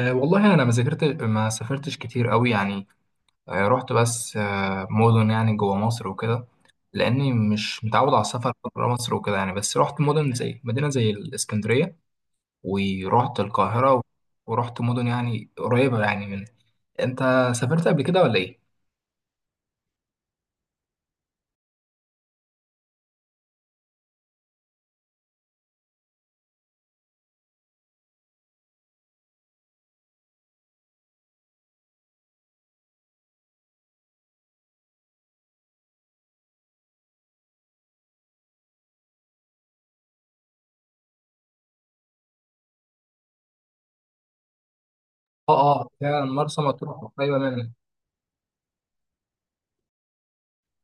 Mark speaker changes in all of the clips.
Speaker 1: والله انا ما ذاكرت، ما سافرتش كتير قوي يعني. رحت بس مدن يعني جوه مصر وكده، لاني مش متعود على السفر بره مصر وكده يعني. بس رحت مدن، زي مدينه زي الاسكندريه، ورحت القاهره، ورحت مدن يعني قريبه يعني من. انت سافرت قبل كده ولا ايه؟ اه اه فعلا، مرسى مطروح قريبه منك.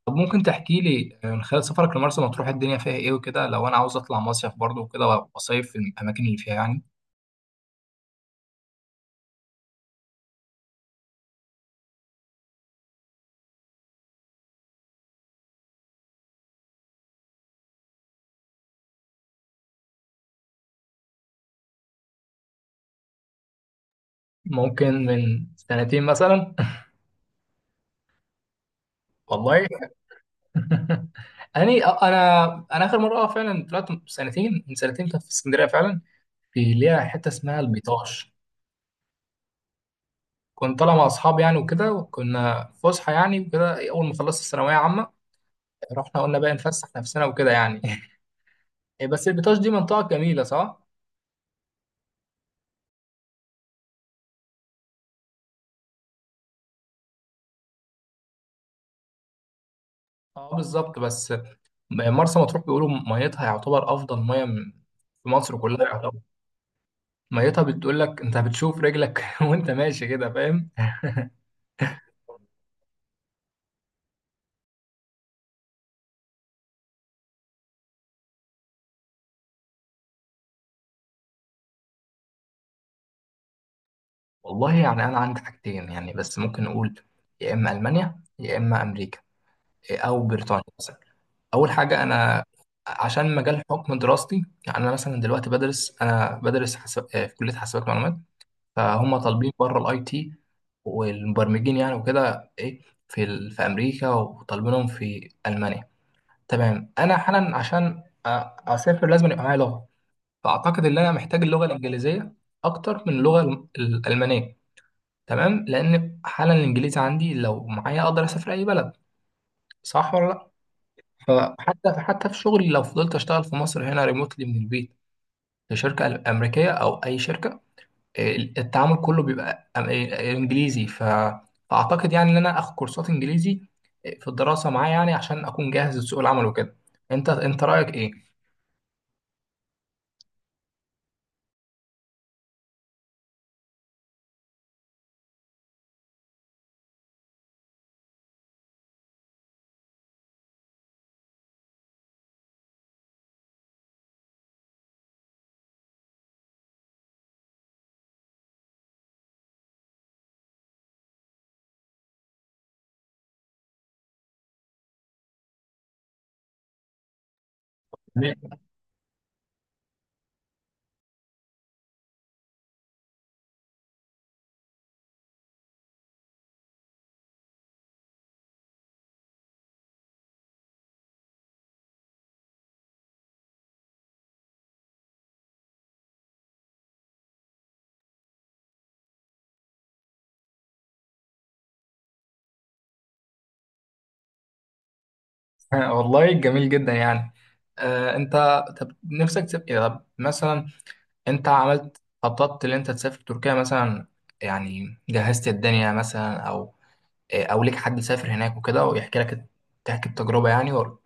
Speaker 1: طب ممكن تحكي لي، من خلال سفرك لمرسى مطروح، الدنيا فيها ايه وكده؟ لو انا عاوز اطلع مصيف برضه وكده واصيف في الاماكن اللي فيها يعني. ممكن من سنتين مثلا. والله. اني انا، انا اخر مره اه فعلا طلعت سنتين، من سنتين كنت في اسكندريه فعلا. في ليها حته اسمها البيطاش. كنت طالع مع اصحابي يعني وكده، وكنا في فسحه يعني وكده، اول ما خلصت الثانويه عامه رحنا قلنا بقى نفسح نفسنا وكده يعني. بس البيطاش دي منطقه جميله، صح؟ اه بالظبط. بس مرسى مطروح بيقولوا ميتها يعتبر افضل ميه من- في مصر كلها يعتبر. ميتها بتقول لك، انت بتشوف رجلك وانت ماشي كده، فاهم؟ والله يعني أنا عندي حاجتين يعني، بس ممكن نقول يا إما ألمانيا يا إما أمريكا أو بريطانيا مثلا. أول حاجة أنا عشان مجال حكم دراستي، يعني أنا مثلا دلوقتي بدرس، أنا بدرس حساب في كلية حاسبات معلومات، فهم طالبين بره الأي تي والمبرمجين يعني وكده إيه، في ال... في أمريكا وطالبينهم في ألمانيا. تمام، أنا حالا عشان أسافر لازم يبقى معايا لغة، فأعتقد إن أنا محتاج اللغة الإنجليزية أكتر من اللغة الألمانية. تمام، لان حالا الانجليزي عندي لو معايا اقدر اسافر اي بلد، صح ولا لا؟ فحتى في شغلي لو فضلت اشتغل في مصر هنا ريموتلي من البيت في شركه امريكيه او اي شركه، التعامل كله بيبقى انجليزي. فاعتقد يعني ان انا اخد كورسات انجليزي في الدراسه معايا يعني، عشان اكون جاهز لسوق العمل وكده. انت رايك ايه؟ جميل. والله جميل جدا يعني. انت طب نفسك تبقى، طب مثلا، انت عملت، خططت ان انت تسافر تركيا مثلا؟ يعني جهزت الدنيا مثلا، او اه، او ليك حد سافر هناك وكده ويحكي لك، تحكي التجربه يعني ولا؟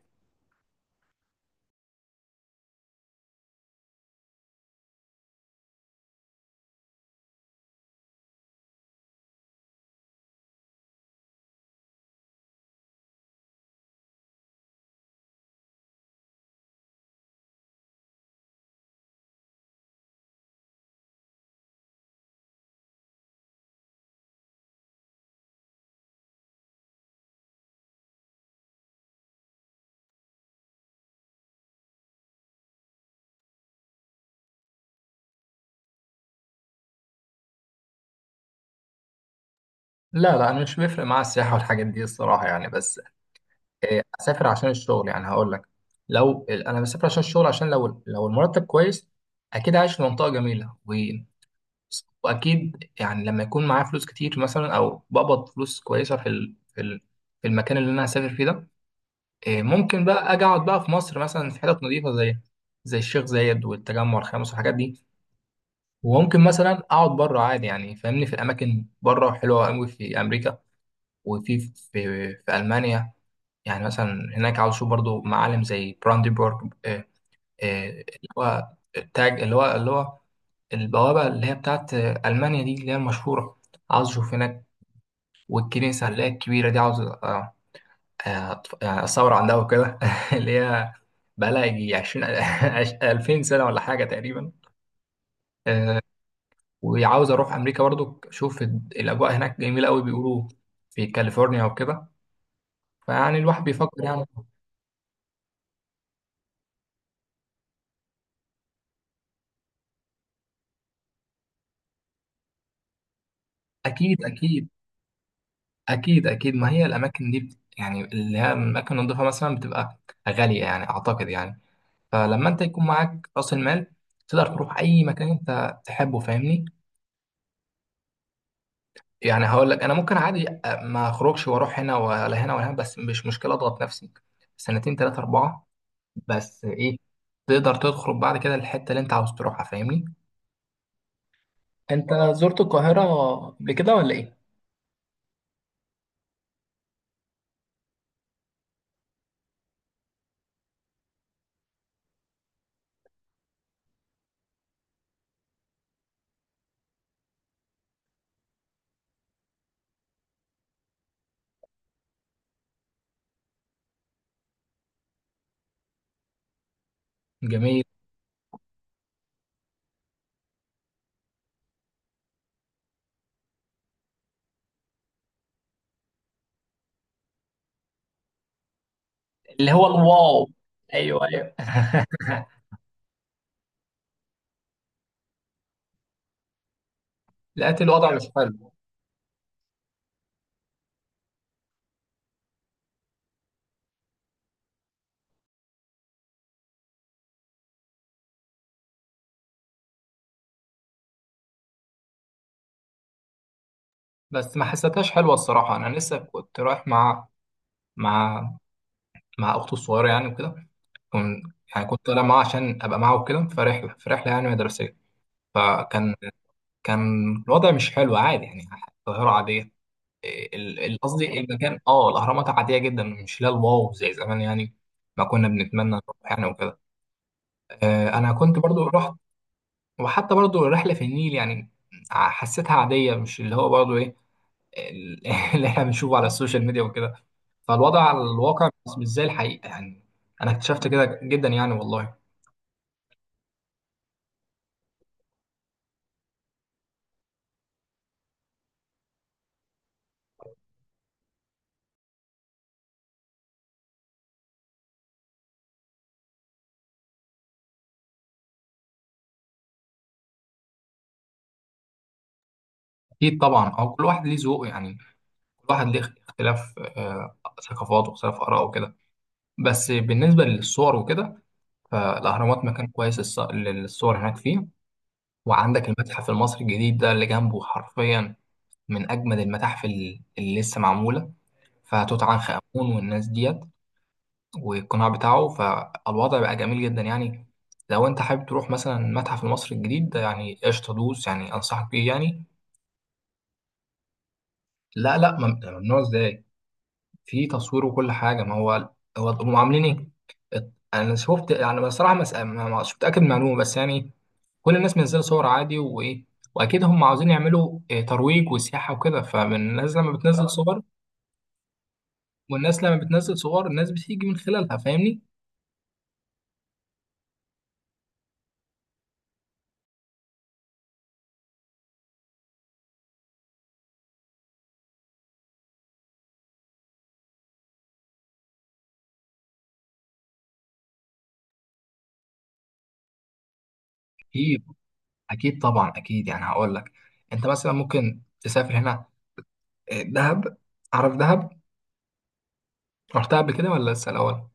Speaker 1: لا لا، انا مش بيفرق معايا السياحه والحاجات دي الصراحه يعني. بس اه، اسافر عشان الشغل. يعني هقول لك، لو انا بسافر عشان الشغل، عشان لو المرتب كويس اكيد عايش في منطقه جميله، و واكيد يعني لما يكون معايا فلوس كتير مثلا، او بقبض فلوس كويسه في في المكان اللي انا هسافر فيه ده، إيه، ممكن بقى اجي اقعد بقى في مصر مثلا في حتت نظيفه زي زي الشيخ زايد والتجمع الخامس والحاجات دي. وممكن مثلا اقعد بره عادي يعني، فاهمني، في الاماكن بره حلوه قوي في امريكا، وفي في, في المانيا. يعني مثلا هناك عاوز اشوف برضو معالم زي براندنبورغ، اللي هو التاج اللي هو البوابه اللي هي بتاعت المانيا دي اللي هي المشهوره، عاوز اشوف هناك. والكنيسه اللي هي الكبيره دي، عاوز يعني الثورة عندها وكده اللي هي بقالها يجي 20 2000 سنة ولا حاجة تقريبا. وعاوز أروح أمريكا برضو، أشوف الأجواء هناك جميلة أوي بيقولوا، في كاليفورنيا وكده. فيعني الواحد بيفكر يعني. أكيد أكيد. أكيد أكيد، ما هي الأماكن دي يعني اللي هي الأماكن النضيفة مثلا بتبقى غالية يعني، أعتقد يعني. فلما أنت يكون معاك رأس المال تقدر تروح أي مكان أنت تحبه، فاهمني. يعني هقول لك، انا ممكن عادي ما اخرجش واروح هنا ولا هنا ولا هنا، بس مش مشكله اضغط نفسي سنتين، ثلاثه، اربعه، بس ايه، تقدر تخرج بعد كده الحته اللي انت عاوز تروحها، فاهمني. انت زرت القاهره قبل كده ولا ايه؟ جميل. اللي هو الواو، ايوه ايوه. لقيت الوضع مش حلو. بس ما حسيتهاش حلوه الصراحه. انا لسه كنت رايح مع مع مع اخته الصغيره يعني وكده. كنت، يعني كنت طالع معاها عشان ابقى معاها وكده في رحله، في رحله يعني مدرسيه. فكان كان الوضع مش حلو عادي يعني. القاهرة عادية. إيه، قصدي المكان اه الأهرامات عادية جدا، مش لا الواو زي زمان يعني. ما كنا بنتمنى نروح يعني وكده. أنا كنت برضو رحت. وحتى برضو الرحلة في النيل يعني حسيتها عادية، مش اللي هو برضو إيه، ال- اللي إحنا بنشوفه على السوشيال ميديا وكده. فالوضع على الواقع مش مش زي الحقيقة يعني، أنا اكتشفت كده جدا يعني والله. أكيد طبعا، أو كل واحد ليه ذوق يعني، كل واحد ليه اختلاف ثقافات واختلاف آراء وكده. بس بالنسبة للصور وكده، فالأهرامات مكان كويس للصور، هناك فيه. وعندك المتحف المصري الجديد ده اللي جنبه حرفيا من أجمد المتاحف اللي لسه معمولة، فتوت عنخ آمون والناس ديت والقناع بتاعه، فالوضع بقى جميل جدا يعني. لو أنت حابب تروح مثلا المتحف المصري الجديد ده، يعني قشطة دوس، يعني أنصحك بيه يعني. لا لا، ممنوع إزاي؟ في تصوير وكل حاجة. ما هو هو هم عاملين إيه؟ انا شفت يعني بصراحه، مش متاكد من المعلومه بس يعني، كل الناس منزله صور عادي، وايه، واكيد هم عاوزين يعملوا ترويج وسياحه وكده، فالناس لما بتنزل اه صور، والناس لما بتنزل صور الناس بتيجي من خلالها، فاهمني. اكيد اكيد طبعا، اكيد. يعني هقول لك، انت مثلا ممكن تسافر هنا، دهب. عارف دهب؟ رحتها قبل كده ولا لسه الاول؟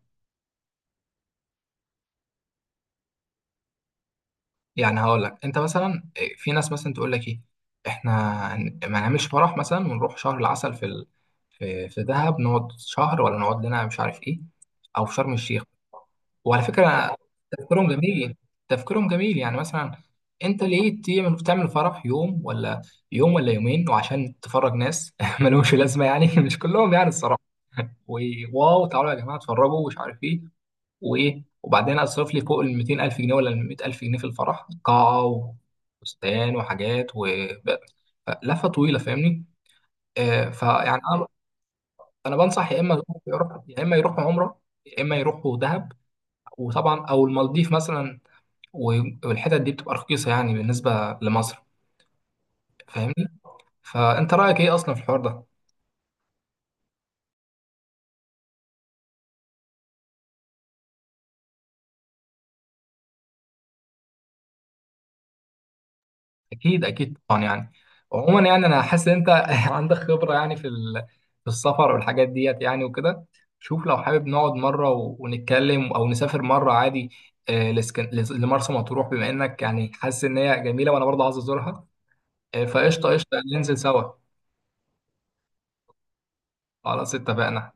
Speaker 1: يعني هقول لك، انت مثلا في ناس مثلا تقول لك ايه، احنا ما نعملش فرح مثلا، ونروح شهر العسل في ال... في في دهب، نقعد شهر، ولا نقعد لنا مش عارف ايه، او في شرم الشيخ. وعلى فكرة تفكيرهم جميل. تفكيرهم جميل، يعني مثلا انت ليه تعمل فرح يوم ولا يوم ولا يومين، وعشان تفرج ناس ملهمش لازمة يعني. مش كلهم يعني الصراحة، وواو تعالوا يا جماعة اتفرجوا ومش عارف ايه، وايه، وبعدين اصرف لي فوق ال 200000 جنيه ولا ال 100000 جنيه في الفرح قاعة، وفستان، وحاجات، و لفة طويلة، فاهمني. آه فيعني انا، انا بنصح يا اما يروح، يا اما يروحوا عمرة، يا اما يروحوا دهب، وطبعا او المالديف مثلا، والحتت دي بتبقى رخيصة يعني بالنسبة لمصر فاهمني. فأنت رأيك إيه أصلا في الحوار ده؟ أكيد أكيد طبعا يعني. عموما يعني أنا حاسس إن أنت عندك خبرة يعني في في السفر والحاجات ديت يعني وكده. شوف لو حابب نقعد مرة ونتكلم، أو نسافر مرة عادي لمرسى مطروح، بما إنك يعني حاسس إن هي جميلة وأنا برضه عايز أزورها، فقشطة قشطة، ننزل سوا. خلاص اتفقنا.